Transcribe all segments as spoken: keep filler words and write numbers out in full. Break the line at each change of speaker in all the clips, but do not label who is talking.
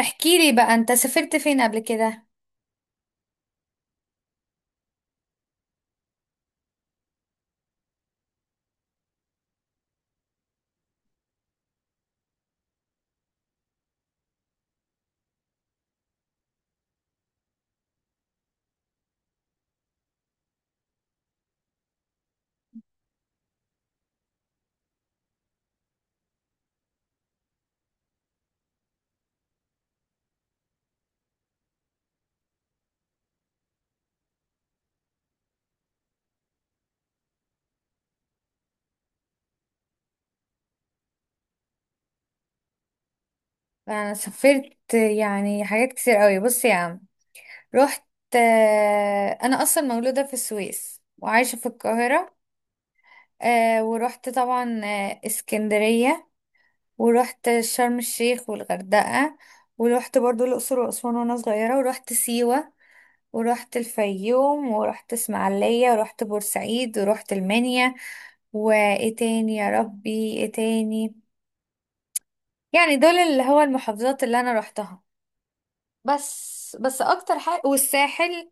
احكي لي بقى انت سافرت فين قبل كده؟ انا سافرت يعني حاجات كتير قوي، بص يا عم. رحت آه، انا اصلا مولودة في السويس وعايشة في القاهرة. آه، ورحت طبعا آه، اسكندرية، ورحت شرم الشيخ والغردقة، ورحت برضو الاقصر واسوان وانا صغيرة، ورحت سيوة، ورحت الفيوم ورحت اسماعيلية ورحت بورسعيد ورحت المنيا. وايه تاني يا ربي، ايه تاني؟ يعني دول اللي هو المحافظات اللي انا روحتها. بس بس اكتر حاجة والساحل،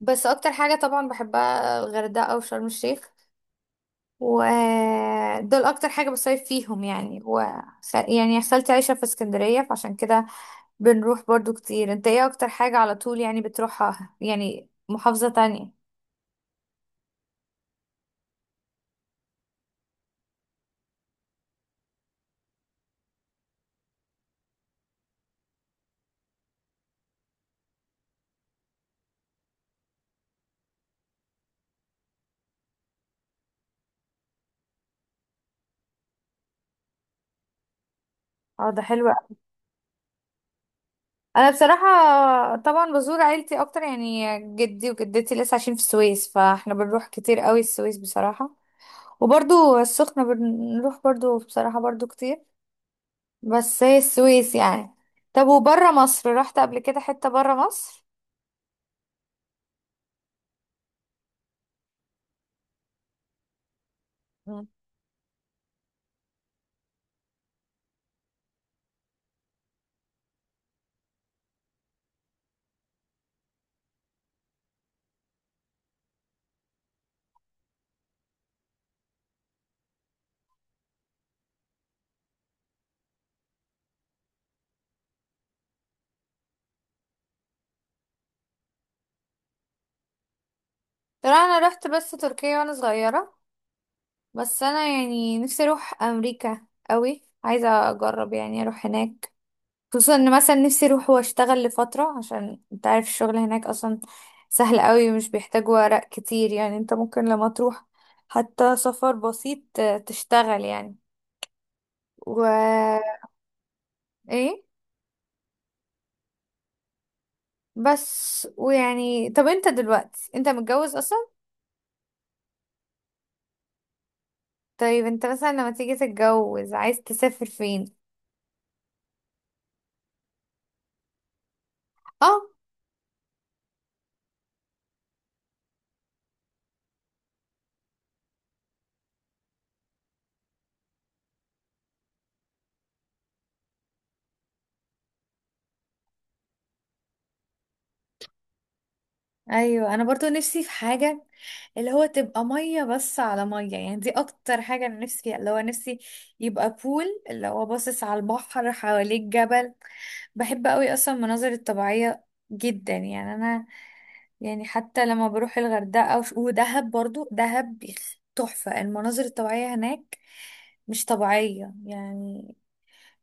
بس اكتر حاجة طبعا بحبها الغردقة او شرم الشيخ، ودول اكتر حاجة بصيف فيهم يعني و... يعني خالتي عايشة في اسكندرية، فعشان كده بنروح برضو كتير. انت ايه اكتر حاجة على طول يعني بتروحها، يعني محافظة تانية؟ اه، ده حلو أوي. انا بصراحة طبعا بزور عيلتي اكتر، يعني جدي وجدتي لسه عايشين في السويس فاحنا بنروح كتير قوي السويس بصراحة. وبرضو السخنة بنروح برضو بصراحة برضو كتير، بس هي السويس يعني. طب وبره مصر، رحت قبل كده حتة بره مصر؟ مم. ترى انا رحت بس تركيا وانا صغيرة، بس انا يعني نفسي اروح امريكا قوي، عايزة اجرب يعني اروح هناك. خصوصا ان مثلا نفسي اروح واشتغل لفترة، عشان انت عارف الشغل هناك اصلا سهل قوي ومش بيحتاج ورق كتير. يعني انت ممكن لما تروح حتى سفر بسيط آه، تشتغل يعني. و ايه. بس ويعني، طب انت دلوقتي انت متجوز اصلا؟ طيب انت مثلا لما تيجي تتجوز عايز تسافر فين؟ اه. ايوه انا برضو نفسي في حاجه اللي هو تبقى ميه بس على ميه، يعني دي اكتر حاجه انا نفسي فيها، اللي هو نفسي يبقى بول اللي هو باصص على البحر، حواليك جبل. بحب قوي اصلا المناظر الطبيعيه جدا يعني. انا يعني حتى لما بروح الغردقه وش- ودهب، برضو دهب تحفه المناظر الطبيعيه هناك، مش طبيعيه يعني.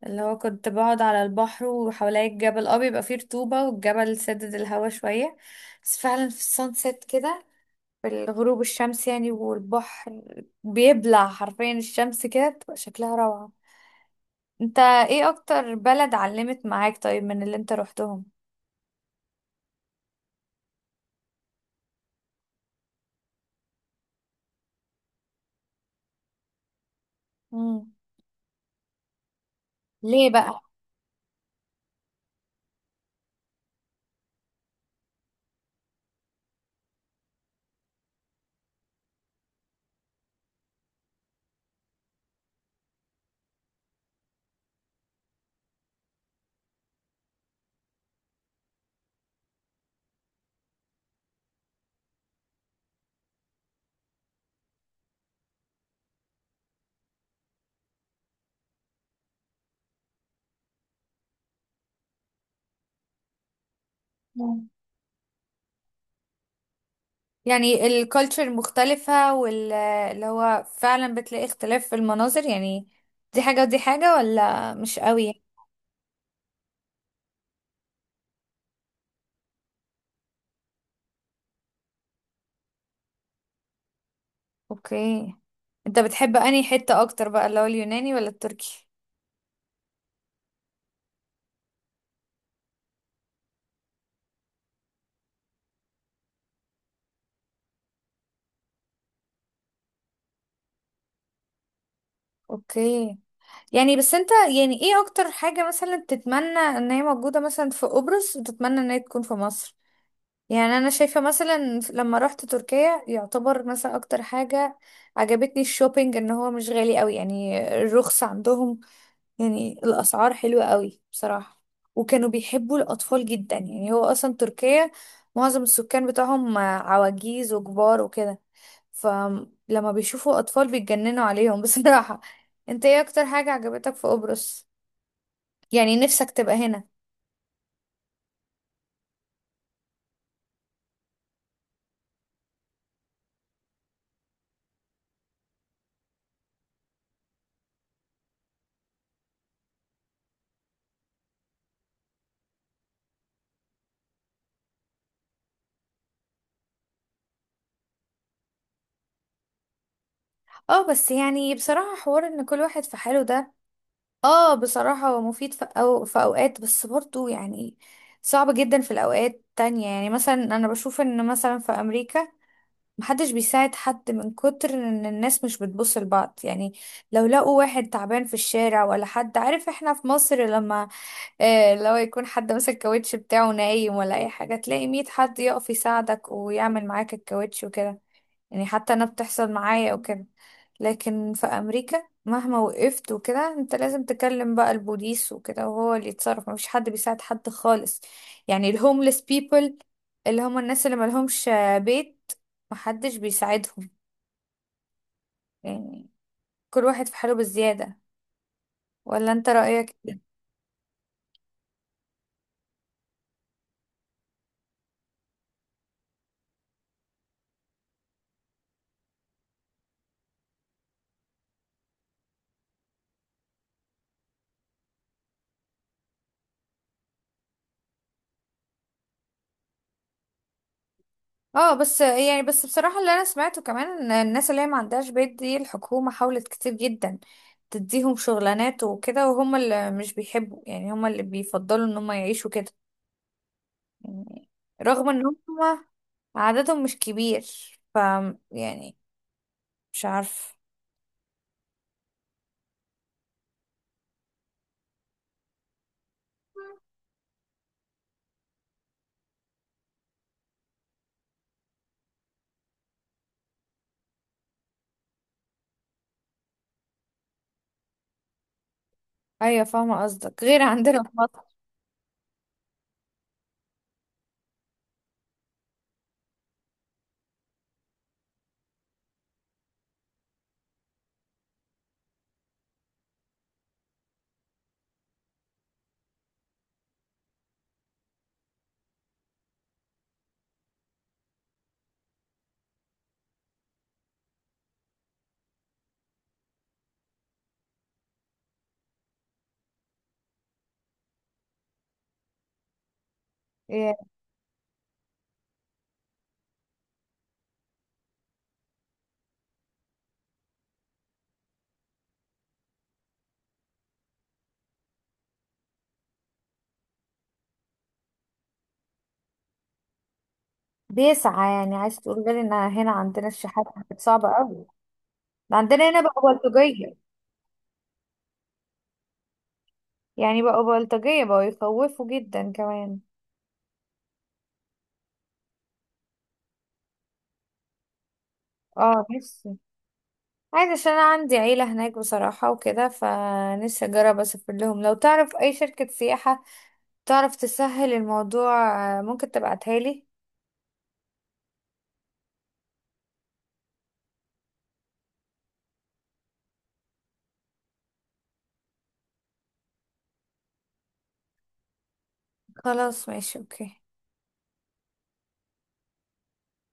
اللي هو كنت بقعد على البحر وحواليا الجبل، اه بيبقى فيه رطوبة والجبل سدد الهوا شوية. بس فعلا في السانسيت كده، في الغروب، الشمس يعني والبحر بيبلع حرفيا الشمس، كده بتبقى شكلها روعة. انت ايه اكتر بلد علمت معاك طيب من اللي انت روحتهم؟ مم. ليه بقى؟ مم. يعني الكالتشر مختلفة، واللي هو فعلا بتلاقي اختلاف في المناظر يعني، دي حاجة ودي حاجة، ولا مش قوي؟ اوكي. انت بتحب انهي حتة اكتر بقى، اللي هو اليوناني ولا التركي؟ اوكي. يعني بس انت، يعني ايه اكتر حاجة مثلا تتمنى ان هي موجودة مثلا في قبرص وتتمنى ان هي تكون في مصر؟ يعني انا شايفة مثلا لما رحت تركيا، يعتبر مثلا اكتر حاجة عجبتني الشوبينج، ان هو مش غالي قوي، يعني الرخص عندهم، يعني الأسعار حلوة قوي بصراحة. وكانوا بيحبوا الأطفال جدا، يعني هو أصلا تركيا معظم السكان بتاعهم عواجيز وكبار وكده، فلما بيشوفوا أطفال بيتجننوا عليهم بصراحة. انت ايه أكتر حاجة عجبتك في قبرص؟ يعني نفسك تبقى هنا؟ اه بس يعني بصراحة حوار ان كل واحد في حاله ده، اه بصراحة هو مفيد في, أو في أوقات بس برضو، يعني صعب جدا في الأوقات تانية. يعني مثلا أنا بشوف ان مثلا في أمريكا محدش بيساعد حد من كتر ان الناس مش بتبص لبعض يعني. لو لقوا واحد تعبان في الشارع، ولا حد عارف، احنا في مصر لما، اه، لو يكون حد ماسك الكاوتش بتاعه نايم ولا اي حاجة، تلاقي ميت حد يقف يساعدك ويعمل معاك الكاوتش وكده، يعني حتى انا بتحصل معايا او كده. لكن في امريكا مهما وقفت وكده، انت لازم تكلم بقى البوليس وكده وهو اللي يتصرف، مفيش حد بيساعد حد خالص. يعني الهوملess people اللي هم الناس اللي ملهمش بيت، محدش بيساعدهم، يعني كل واحد في حاله بالزيادة. ولا انت رأيك؟ اه بس يعني، بس بصراحة اللي انا سمعته كمان، ان الناس اللي هي ما عندهاش بيت دي الحكومة حاولت كتير جدا تديهم شغلانات وكده، وهم اللي مش بيحبوا، يعني هم اللي بيفضلوا ان هم يعيشوا كده. يعني رغم ان هم عددهم مش كبير، ف يعني مش عارف. ايوه فاهمة قصدك، غير عندنا في مصر. إيه، بيسعى، يعني عايز تقول غير ان هنا عندنا الشحات كانت صعبة قوي، ده عندنا هنا بقوا بلطجية. يعني بقوا بلطجية، بقوا يخوفوا جدا كمان. اه، نفسي عادي، عشان انا عندي عيلة هناك بصراحة وكده، فنفسي اجرب اسافر لهم. لو تعرف اي شركة سياحة تعرف تسهل الموضوع، آه، ممكن تبعتها لي. خلاص ماشي، اوكي.